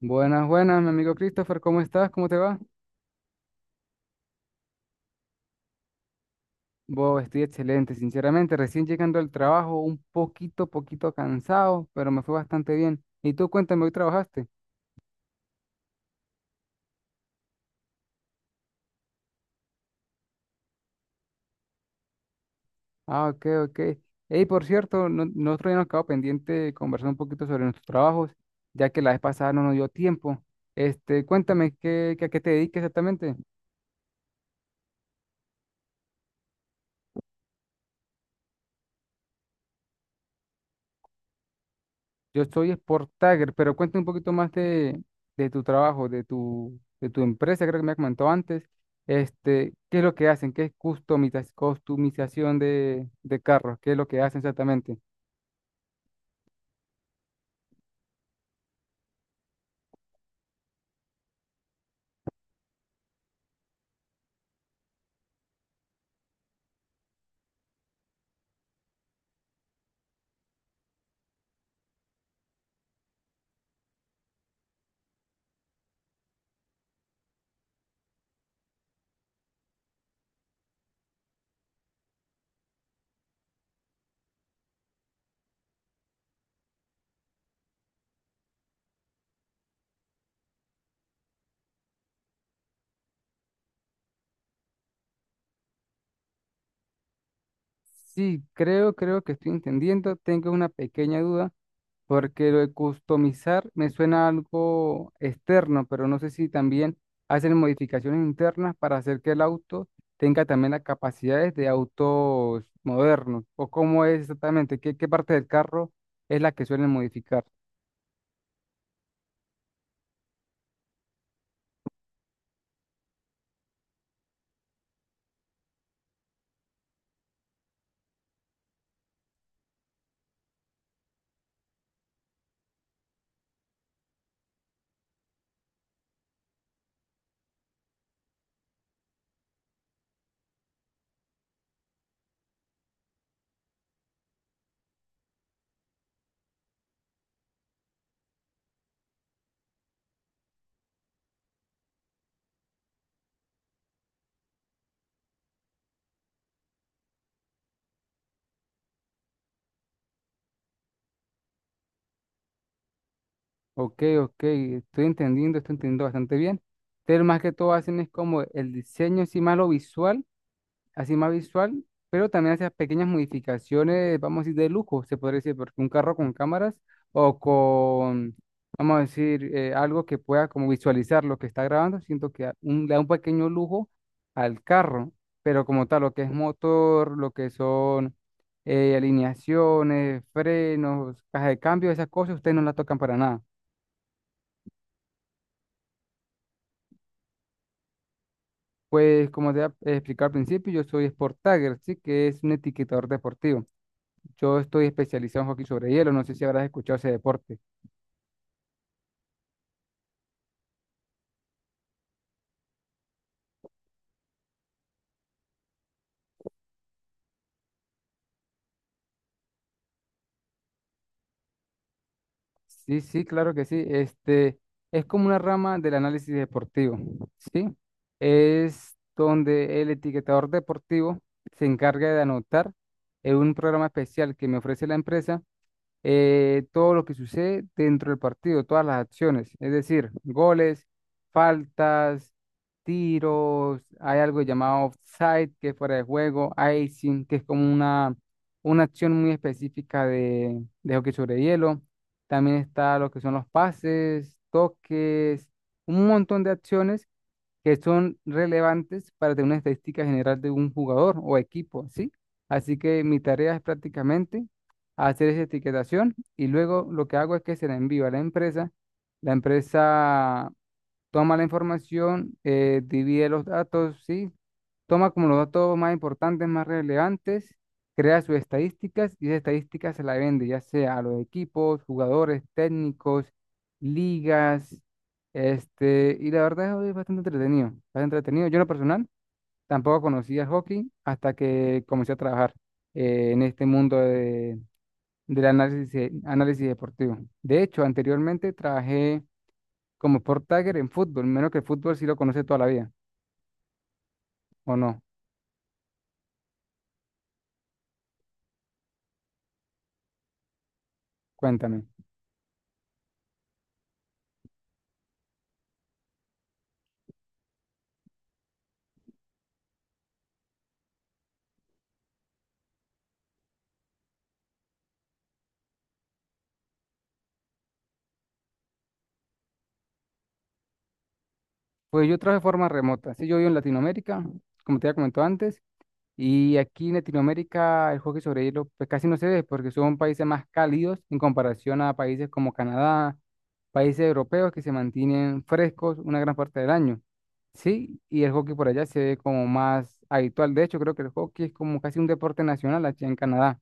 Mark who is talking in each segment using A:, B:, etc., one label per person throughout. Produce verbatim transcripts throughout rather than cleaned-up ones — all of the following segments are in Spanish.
A: Buenas, buenas, mi amigo Christopher, ¿cómo estás? ¿Cómo te va? Bo, estoy excelente, sinceramente, recién llegando al trabajo, un poquito, poquito cansado, pero me fue bastante bien. Y tú, cuéntame, ¿hoy trabajaste? Ah, ok, ok. Ey, por cierto, no, nosotros ya nos quedó pendiente conversar un poquito sobre nuestros trabajos, ya que la vez pasada no nos dio tiempo. Este, cuéntame, ¿qué, qué- a qué te dedicas exactamente? Yo soy Sport Tagger, pero cuéntame un poquito más de, de tu trabajo, de tu, de tu empresa, creo que me has comentado antes. Este, ¿qué es lo que hacen? ¿Qué es customiza- customización de, de carros? ¿Qué es lo que hacen exactamente? Sí, creo, creo que estoy entendiendo. Tengo una pequeña duda porque lo de customizar me suena a algo externo, pero no sé si también hacen modificaciones internas para hacer que el auto tenga también las capacidades de autos modernos, o cómo es exactamente, qué, qué parte del carro es la que suelen modificar. Ok, ok, estoy entendiendo, estoy entendiendo bastante bien. Pero más que todo hacen es como el diseño, sí, más lo visual así más visual, pero también hace pequeñas modificaciones, vamos a decir, de lujo, se podría decir, porque un carro con cámaras o con, vamos a decir, eh, algo que pueda como visualizar lo que está grabando, siento que da un, le da un pequeño lujo al carro, pero como tal, lo que es motor, lo que son eh, alineaciones, frenos, caja de cambio, esas cosas, ustedes no las tocan para nada. Pues como te había explicado al principio, yo soy Sport Tagger, sí, que es un etiquetador deportivo. Yo estoy especializado en hockey sobre hielo, no sé si habrás escuchado ese deporte. Sí, sí, claro que sí. Este es como una rama del análisis deportivo, ¿sí? Es donde el etiquetador deportivo se encarga de anotar en un programa especial que me ofrece la empresa eh, todo lo que sucede dentro del partido, todas las acciones, es decir, goles, faltas, tiros, hay algo llamado offside, que es fuera de juego, icing, que es como una, una acción muy específica de, de hockey sobre hielo, también está lo que son los pases, toques, un montón de acciones que son relevantes para tener una estadística general de un jugador o equipo, ¿sí? Así que mi tarea es prácticamente hacer esa etiquetación y luego lo que hago es que se la envío a la empresa. La empresa toma la información, eh, divide los datos, ¿sí? Toma como los datos más importantes, más relevantes, crea sus estadísticas y esas estadísticas se las vende, ya sea a los equipos, jugadores, técnicos, ligas, este, y la verdad es bastante entretenido, bastante entretenido. Yo en lo personal tampoco conocía el hockey hasta que comencé a trabajar eh, en este mundo de, del análisis, análisis deportivo. De hecho, anteriormente trabajé como Sport Tagger en fútbol, menos que el fútbol sí lo conoce toda la vida, ¿o no? Cuéntame. Pues yo trabajo de forma remota. Sí, yo vivo en Latinoamérica, como te había comentado antes, y aquí en Latinoamérica el hockey sobre hielo pues casi no se ve porque son países más cálidos en comparación a países como Canadá, países europeos que se mantienen frescos una gran parte del año. Sí, y el hockey por allá se ve como más habitual. De hecho, creo que el hockey es como casi un deporte nacional allá en Canadá.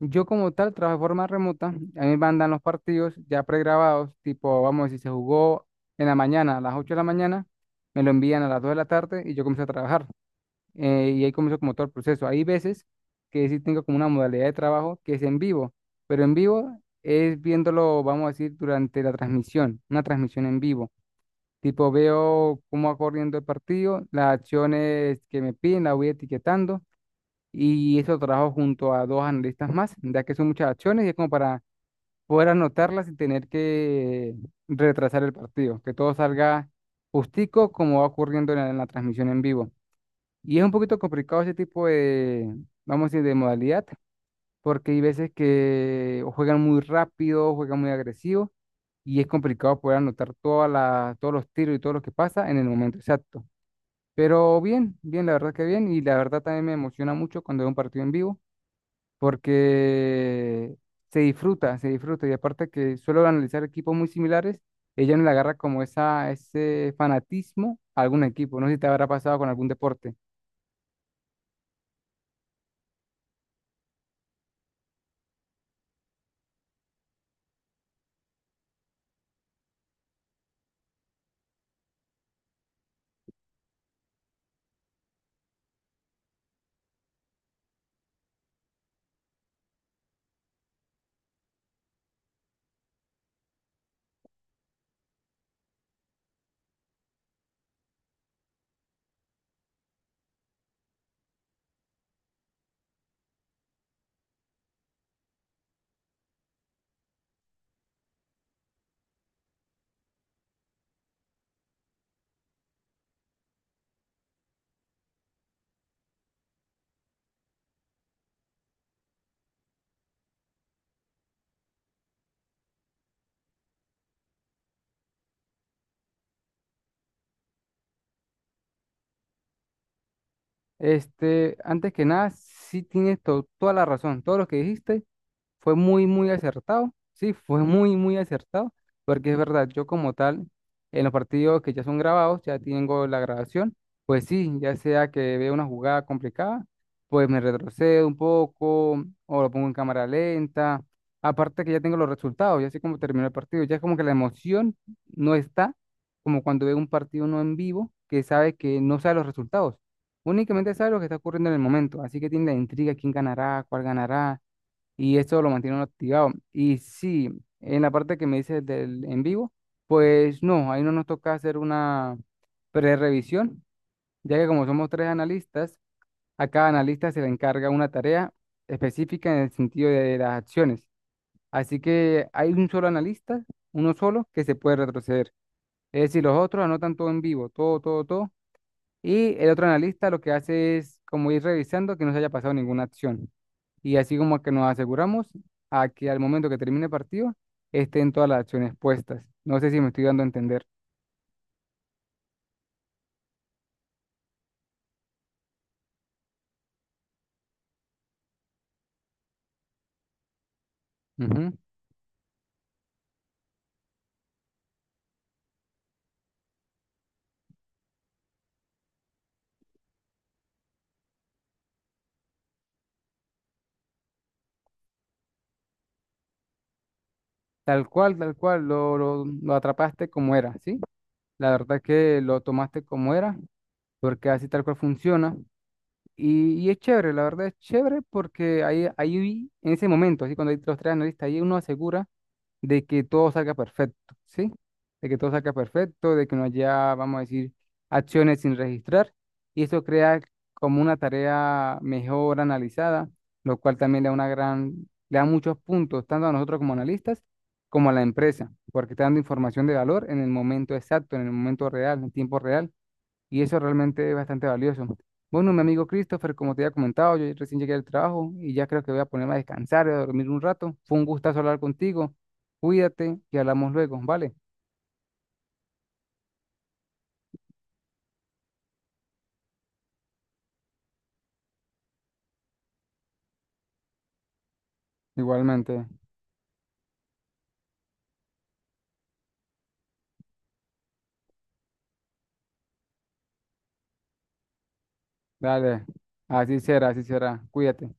A: Yo como tal trabajo de forma remota, a mí me mandan los partidos ya pregrabados, tipo, vamos a decir, se jugó en la mañana, a las ocho de la mañana, me lo envían a las dos de la tarde y yo comienzo a trabajar. Eh, y ahí comienzo como todo el proceso. Hay veces que sí tengo como una modalidad de trabajo que es en vivo, pero en vivo es viéndolo, vamos a decir, durante la transmisión, una transmisión en vivo. Tipo, veo cómo va corriendo el partido, las acciones que me piden, las voy etiquetando y eso lo trabajo junto a dos analistas más, ya que son muchas acciones y es como para poder anotarlas sin tener que retrasar el partido, que todo salga justico como va ocurriendo en la, en la transmisión en vivo. Y es un poquito complicado ese tipo de, vamos a decir, de modalidad, porque hay veces que o juegan muy rápido, juegan muy agresivo y es complicado poder anotar todas las todos los tiros y todo lo que pasa en el momento exacto. Pero bien, bien, la verdad que bien, y la verdad también me emociona mucho cuando veo un partido en vivo porque se disfruta, se disfruta. Y aparte que suelo analizar equipos muy similares, ella no le agarra como esa, ese fanatismo a algún equipo. No sé si te habrá pasado con algún deporte. Este, antes que nada, sí tienes to- toda la razón. Todo lo que dijiste fue muy, muy acertado. Sí, fue muy, muy acertado. Porque es verdad, yo como tal, en los partidos que ya son grabados, ya tengo la grabación. Pues sí, ya sea que vea una jugada complicada, pues me retrocedo un poco o lo pongo en cámara lenta. Aparte que ya tengo los resultados, ya sé cómo terminó el partido. Ya es como que la emoción no está como cuando veo un partido no en vivo, que sabe que no sabe los resultados. Únicamente sabe lo que está ocurriendo en el momento. Así que tiene la intriga, quién ganará, cuál ganará y esto lo mantiene uno activado. Y sí, en la parte que me dices del en vivo, pues no, ahí no nos toca hacer una prerevisión, ya que como somos tres analistas, a cada analista se le encarga una tarea específica en el sentido de las acciones. Así que hay un solo analista, uno solo, que se puede retroceder. Es decir, los otros anotan todo en vivo, todo, todo, todo. Y el otro analista lo que hace es como ir revisando que no se haya pasado ninguna acción y así como que nos aseguramos a que al momento que termine el partido estén todas las acciones puestas. No sé si me estoy dando a entender. Ujú. Tal cual, tal cual, lo, lo, lo atrapaste como era, ¿sí? La verdad es que lo tomaste como era, porque así tal cual funciona. Y, y es chévere, la verdad es chévere porque ahí, ahí en ese momento, así cuando hay los tres analistas, ahí uno asegura de que todo salga perfecto, ¿sí? De que todo salga perfecto, de que no haya, vamos a decir, acciones sin registrar. Y eso crea como una tarea mejor analizada, lo cual también le da una gran, le da muchos puntos, tanto a nosotros como analistas, como a la empresa, porque está dando información de valor en el momento exacto, en el momento real, en tiempo real. Y eso realmente es bastante valioso. Bueno, mi amigo Christopher, como te había comentado, yo recién llegué al trabajo y ya creo que voy a ponerme a descansar y a dormir un rato. Fue un gustazo hablar contigo. Cuídate y hablamos luego, ¿vale? Igualmente. Dale. Así será, así será. Cuídate.